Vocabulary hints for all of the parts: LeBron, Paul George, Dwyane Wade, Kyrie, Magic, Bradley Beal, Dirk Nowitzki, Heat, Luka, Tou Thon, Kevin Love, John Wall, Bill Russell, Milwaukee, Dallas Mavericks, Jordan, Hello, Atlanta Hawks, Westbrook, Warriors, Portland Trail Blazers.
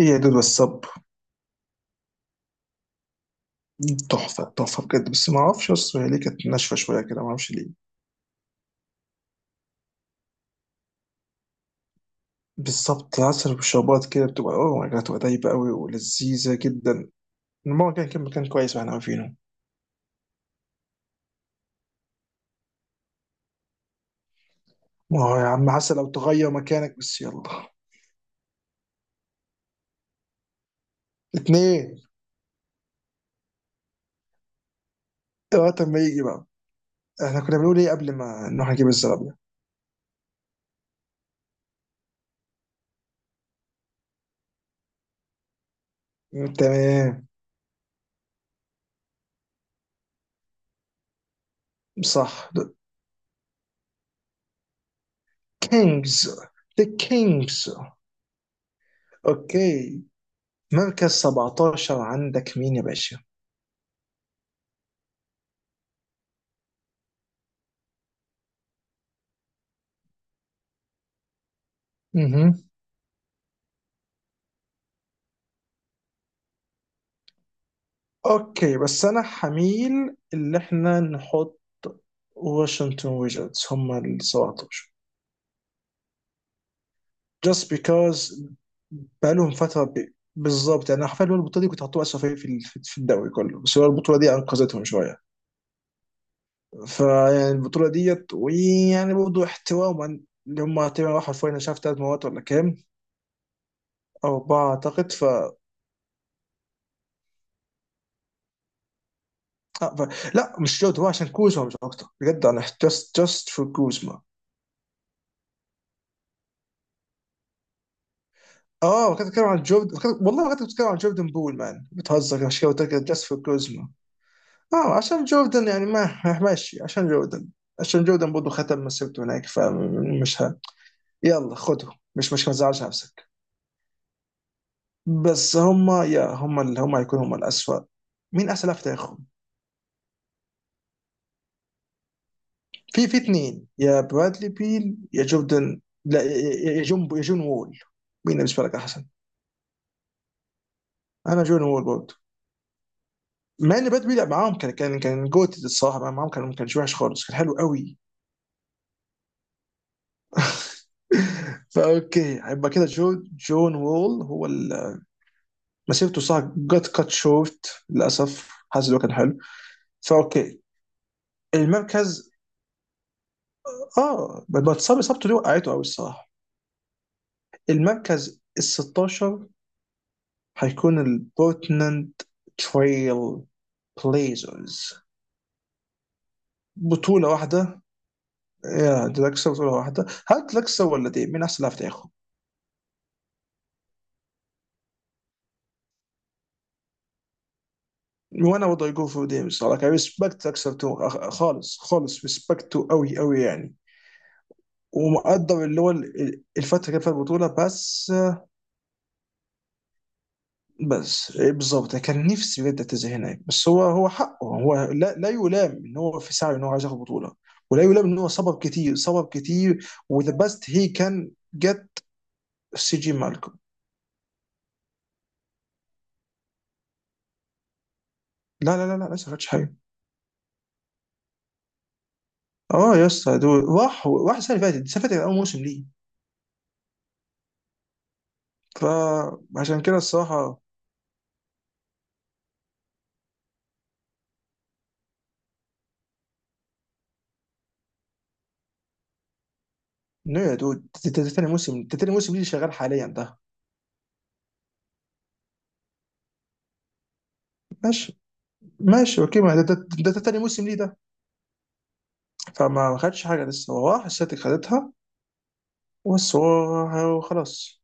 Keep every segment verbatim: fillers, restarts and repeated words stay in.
ايه يا دود والصب. تحفة تحفة بجد، بس ما اعرفش اصلا هي ليه كانت ناشفة شوية كده، ما اعرفش ليه. بالظبط، عسل وشربات كده بتبقى اوه ماي جاد، بتبقى دايبة قوي ولذيذة جدا. الماما كان كان مكان كويس واحنا واقفينه. ما هو يا عم عسل لو تغير مكانك بس، يلا. اتنين، وقت ما يجي بقى. احنا كنا بنقول ايه قبل ما نروح نجيب الزرابية؟ تمام، صح. كينجز. ذا كينجز. اوكي، مركز سبعتاشر عندك مين يا باشا؟ اوكي، بس انا حميل اللي احنا نحط. واشنطن ويجتس هم ال سبعتاشر، just because. بقالهم فترة ب- بالظبط. يعني حرفيا هو البطولة دي كنت حاطوها أسوأ فريق في ال- في في الدوري كله، بس هو البطولة دي أنقذتهم شوية. فيعني البطولة ديت، ويعني برضه احتواما، اللي هم تقريبا راحوا الفاينل مش عارف تلات مرات ولا كام، أو أربعة أعتقد ف... آه، ف... لا مش لوت، هو عشان كوزما مش أكتر بجد، أنا just just for كوزما. اه كنت بتتكلم عن جوردن، كنت- والله كنت بتتكلم عن جوردن، بول مان بتهزر، عشان كده قلت لك جاست فور كوزما. اه عشان جوردن يعني ما ماشي، عشان جوردن عشان جوردن برضه ختم مسيرته هناك فمش ه... يلا خده، مش مش ما تزعلش نفسك. بس هما، يا هما اللي هما هيكونوا هما الأسوأ. مين أحسن لاعب في تاريخهم؟ في في اتنين، يا برادلي بيل يا جوردن، لا يا يا- يا جون يا جون وول. مين بالنسبة لك أحسن؟ أنا جون وول برضه. مع ان باد بيلعب معاهم، كان كان كان جوت الصراحه، معاهم كان كان وحش خالص، كان حلو قوي. فاوكي، هيبقى كده جون جون وول هو ال- مسيرته صح جت كات شورت للاسف، حاسس إن هو كان حلو، فاوكي. المركز، اه بتصاب اصابته دي وقعته قوي الصراحه. المركز ال ستاشر هيكون البورتلاند تريل بليزرز. بطوله واحده، يا دراكسر بطوله واحده، هل دراكسر ولا دي مين احسن لاعب في تاريخه؟ وانا وضع جو فور ديم الصراحه، ريسبكت دراكسر تو- خالص خالص ريسبكت، قوي قوي يعني. ومقدر اللي هو ال- الفتره اللي كان فيها البطوله بس. بس إيه بالظبط، يعني كان نفسي بجد اعتزل هناك، بس هو هو حقه، هو لا لا يلام ان هو في سعي ان هو عايز ياخد بطوله، ولا يلام ان هو صبر كتير صبر كتير، وذا بيست هي كان جت. سي جي مالكم. لا لا لا لا، لسه ما خدش حاجه. اه يا اسطى، دول راح راح السنه اللي فاتت، السنه اللي فاتت كان اول موسم ليه، فعشان كده الصراحه. نو يا دود، ده ده- ده تاني موسم، ده تاني موسم ليه شغال حاليا ده. ماشي. ماشي اوكي، ما ده ده ده- ده تاني موسم ليه ده. فما خدش حاجه لسه، هو راح السلتيك خدتها، بس هو خلاص.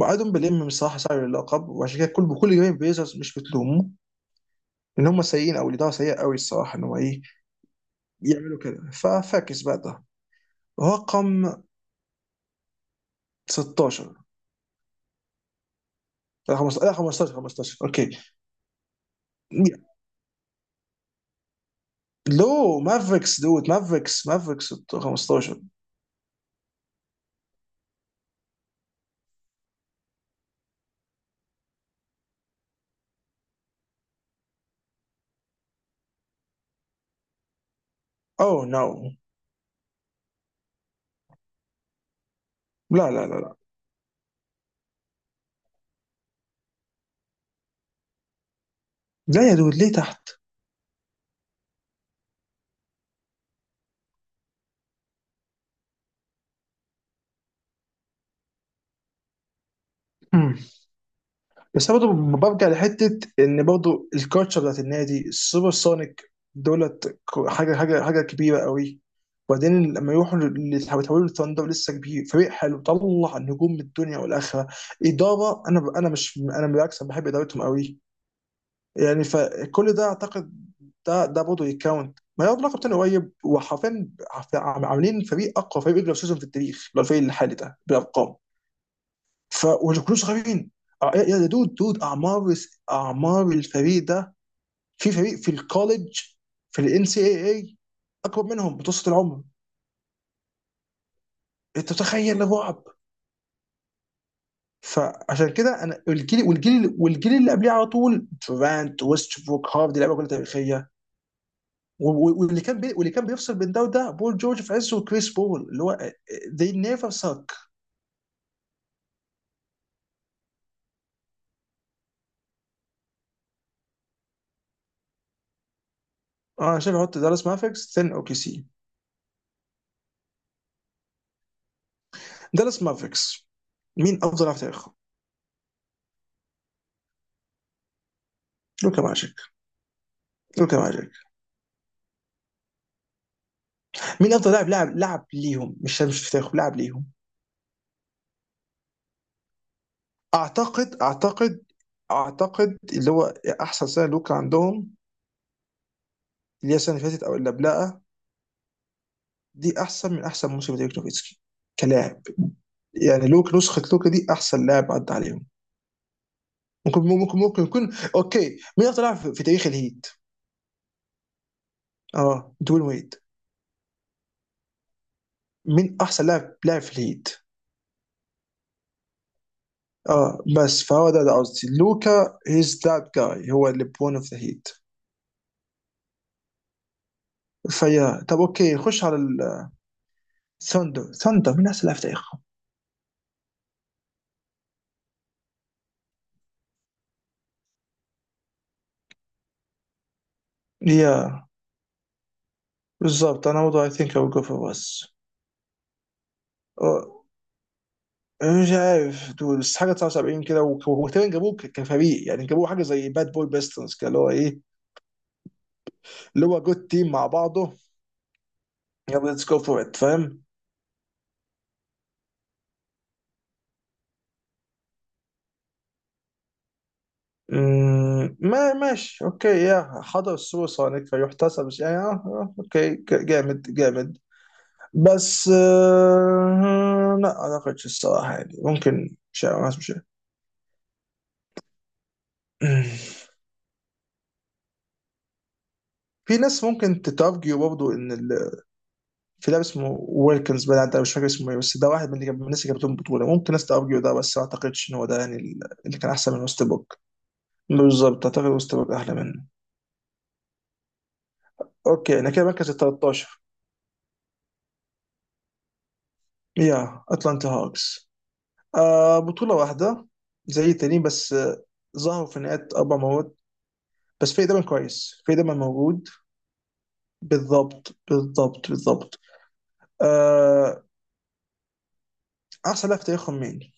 فادهم بيلم بصراحه سعي اللقب، وعشان كده كل كل جماهير بيزرز مش بتلومه ان هم سيئين، او الاداره سيئه قوي الصراحه ان هو ايه يعملوا كده. ففاكس بقى ده رقم ستاشر. لا، خمستاشر، لا، خمستاشر، خمستاشر اوكي. لو مافريكس دود، مافريكس مافريكس خمستاشر. اوه نو. لا لا لا لا لا، يا دود ليه تحت؟ بس أنا برضه برجع لحته ان برضه الكالتشر بتاعت النادي السوبر سونيك دولت، ك- حاجه حاجه حاجه كبيره قوي. وبعدين لما يروحوا، اللي يتحولوا للثاندر لسه كبير، فريق حلو طلع نجوم من الدنيا والاخره. اداره انا، ب- انا مش، انا بالعكس انا بحب ادارتهم قوي يعني، فكل ده اعتقد ده ده برضه يكاونت. ما ياخد لقب تاني قريب، وحرفيا عف- عاملين فريق، اقوى فريق ريجلر سيزون في التاريخ لو الفريق الحالي ده بالارقام. ف وكلهم صغيرين. آه، يا يا دود دود اعمار اعمار الفريق ده، في فريق في الكوليج، في الان سي اي اي اكبر منهم متوسط العمر. انت تخيل الرعب. فعشان كده انا، والجيل والجيل والجيل اللي قبليه على طول، دورانت، ويستبروك، هارد، لعيبه كلها تاريخيه. و- و- واللي كان بي... واللي كان بيفصل بين ده وده، بول جورج في عزه وكريس بول، اللي هو they never suck. انا شايف احط دالاس مافيكس ثين اوكي سي. دالاس مافيكس، مين افضل لاعب في تاريخهم؟ لوكا ماجيك، لوكا ماجيك. مين افضل لاعب لعب لعب ليهم، مش مش في تاريخهم، لعب ليهم؟ اعتقد اعتقد اعتقد اللي هو احسن سنه لوكا عندهم، اللي هي السنه اللي فاتت او اللي قبلها، دي احسن من احسن موسم ديريك نوفيتسكي كلاعب. يعني لوك، نسخه لوكا دي احسن لاعب عدى عليهم. ممكن ممكن ممكن يكون، اوكي. مين افضل لاعب في في تاريخ الهيت؟ اه، دوين ويد. مين احسن لاعب لاعب في الهيت؟ اه بس فهو، ده ده قصدي، لوكا هيز ذات جاي، هو اللي بون اوف ذا هيت. فيا طب اوكي، نخش على ال ثاندر. ثاندر، من احسن لاعب في تاريخهم؟ يا، بالظبط انا برضه، اي ثينك اي جو فور اس. مش عارف دول، بس حاجه تسعة وسبعين كده، وك- وتقريبا جابوه ك- كفريق يعني، جابوه حاجه زي باد بوي بيستنز كده، اللي هو ايه، اللي هو جود تيم مع بعضه. يلا ليتس جو فور ات، فاهم. مم، ما ماشي اوكي، يا حضر السوبر سونيك فيحتسب، بس يعني، آه، آه، اوكي، ك- جامد جامد. بس آه لا، ما اعتقدش الصراحه يعني، ممكن مش عارف، مش عارف. في ناس ممكن تتارجيو برضه ان ال... في لاعب اسمه ويلكنز بقى، انت مش فاكر اسمه ايه، بس ده واحد من اللي جاب- من الناس اللي جابتهم بطوله، ممكن ناس تارجيو ده، بس ما اعتقدش ان هو ده يعني ال- اللي كان احسن من وستبروك. بالظبط، اعتقد وستبروك احلى منه. اوكي، انا كده مركز ال تلتاشر. يا اتلانتا هاكس. آه بطوله واحده زي التانيين، بس آه، ظهروا في نهاية اربع مرات، بس في دايما كويس، في دايما موجود. بالضبط بالضبط بالضبط. آه، احسن لاعب في تاريخهم مين؟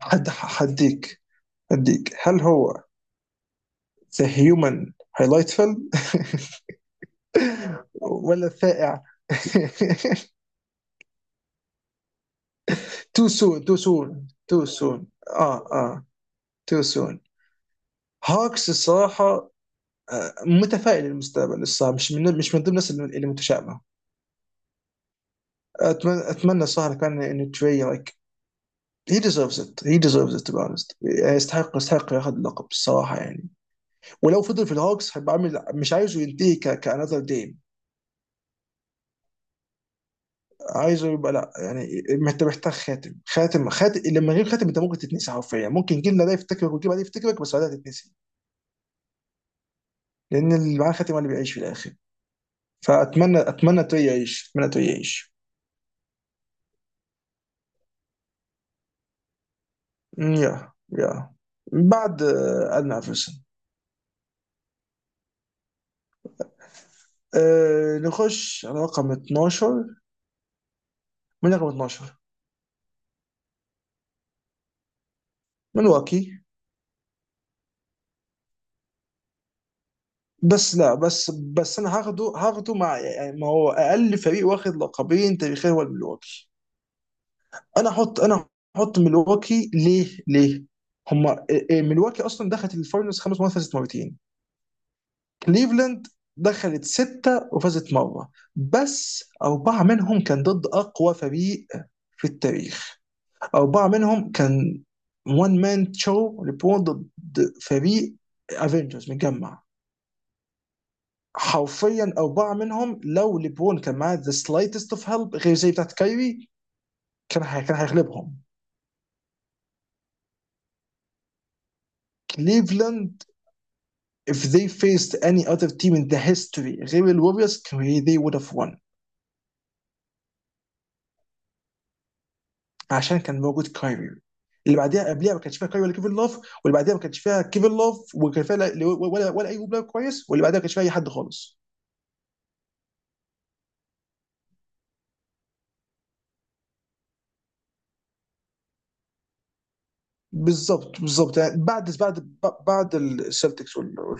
حد هديك هديك هل هو ذا هيومن هايلايتفل ولا الثائع؟ تو سون، تو سون، تو سون، اه اه، تو سون. هاكس الصراحه، آه، متفائل للمستقبل الصراحه، مش من مش من ضمن الناس اللي اللي متشائمه. اتمنى اتمنى الصراحه، لو كان انه تري لايك، هي ديزيرفز ات، هي ديزيرفز ات بانست، يستحق يستحق ياخذ اللقب الصراحه يعني. ولو فضل في الهوكس هيبقى عامل، مش عايزه ينتهي كانذر جيم، عايزه يبقى، لا يعني انت محتاج خاتم، خاتم خاتم. لما غير خاتم انت ممكن تتنسي حرفيا، ممكن جيلنا ده يفتكرك، وجيل بعديه يفتكرك، بس بعدها تتنسي، لان اللي معاه خاتم هو اللي بيعيش في الاخر. فاتمنى اتمنى توي يعيش، اتمنى توي يعيش. أمم، يا يا بعد، آه، ادنى افرسن. أه نخش على رقم اتناشر. من رقم اتناشر، من واكي بس لا، بس بس انا هاخده هاخده مع يعني، ما هو اقل فريق واخد لقبين تاريخيا هو الملواكي. انا احط انا احط ملواكي ليه ليه؟ هما إيه- إيه، ملواكي اصلا دخلت الفاينلز خمس مرات، فازت مرتين. كليفلاند دخلت ستة وفازت مرة، بس أربعة منهم كان ضد أقوى فريق في التاريخ. أربعة منهم كان وان مان شو، لبرون ضد فريق افنجرز متجمع حرفيا. أربعة منهم، لو لبرون كان معاه ذا سلايتست اوف هيلب غير زي بتاعت كايري، كان هي- كان هيغلبهم كليفلاند. If they faced any other team in the history غير الوريوز, they would have won. عشان كان موجود كايري، اللي بعديها قبلها ما كانش فيها كايري ولا كيفن لوف، واللي بعديها ما كانش فيها كيفن لوف وكان فيها لا- ولا ولا اي بلاير كويس، واللي بعديها ما كانش فيها اي حد خالص. بالظبط بالظبط، يعني بعد بعد بعد السلتكس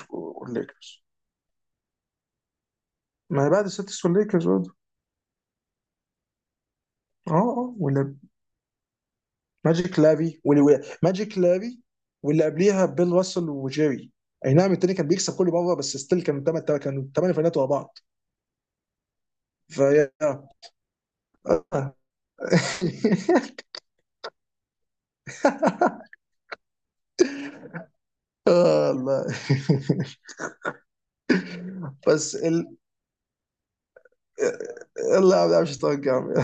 والليكرز، ما بعد السلتكس والليكرز برضه. اه اه، ولا ماجيك لافي، واللي ماجيك لافي، واللي قبليها بيل راسل وجيري. اي نعم، التاني كان بيكسب كل مره، بس ستيل كان تمن، كانوا ثمان فاينات ورا بعض. فيا آه. آه، الله بس ال... يلا، ما بعرفش، اتوقع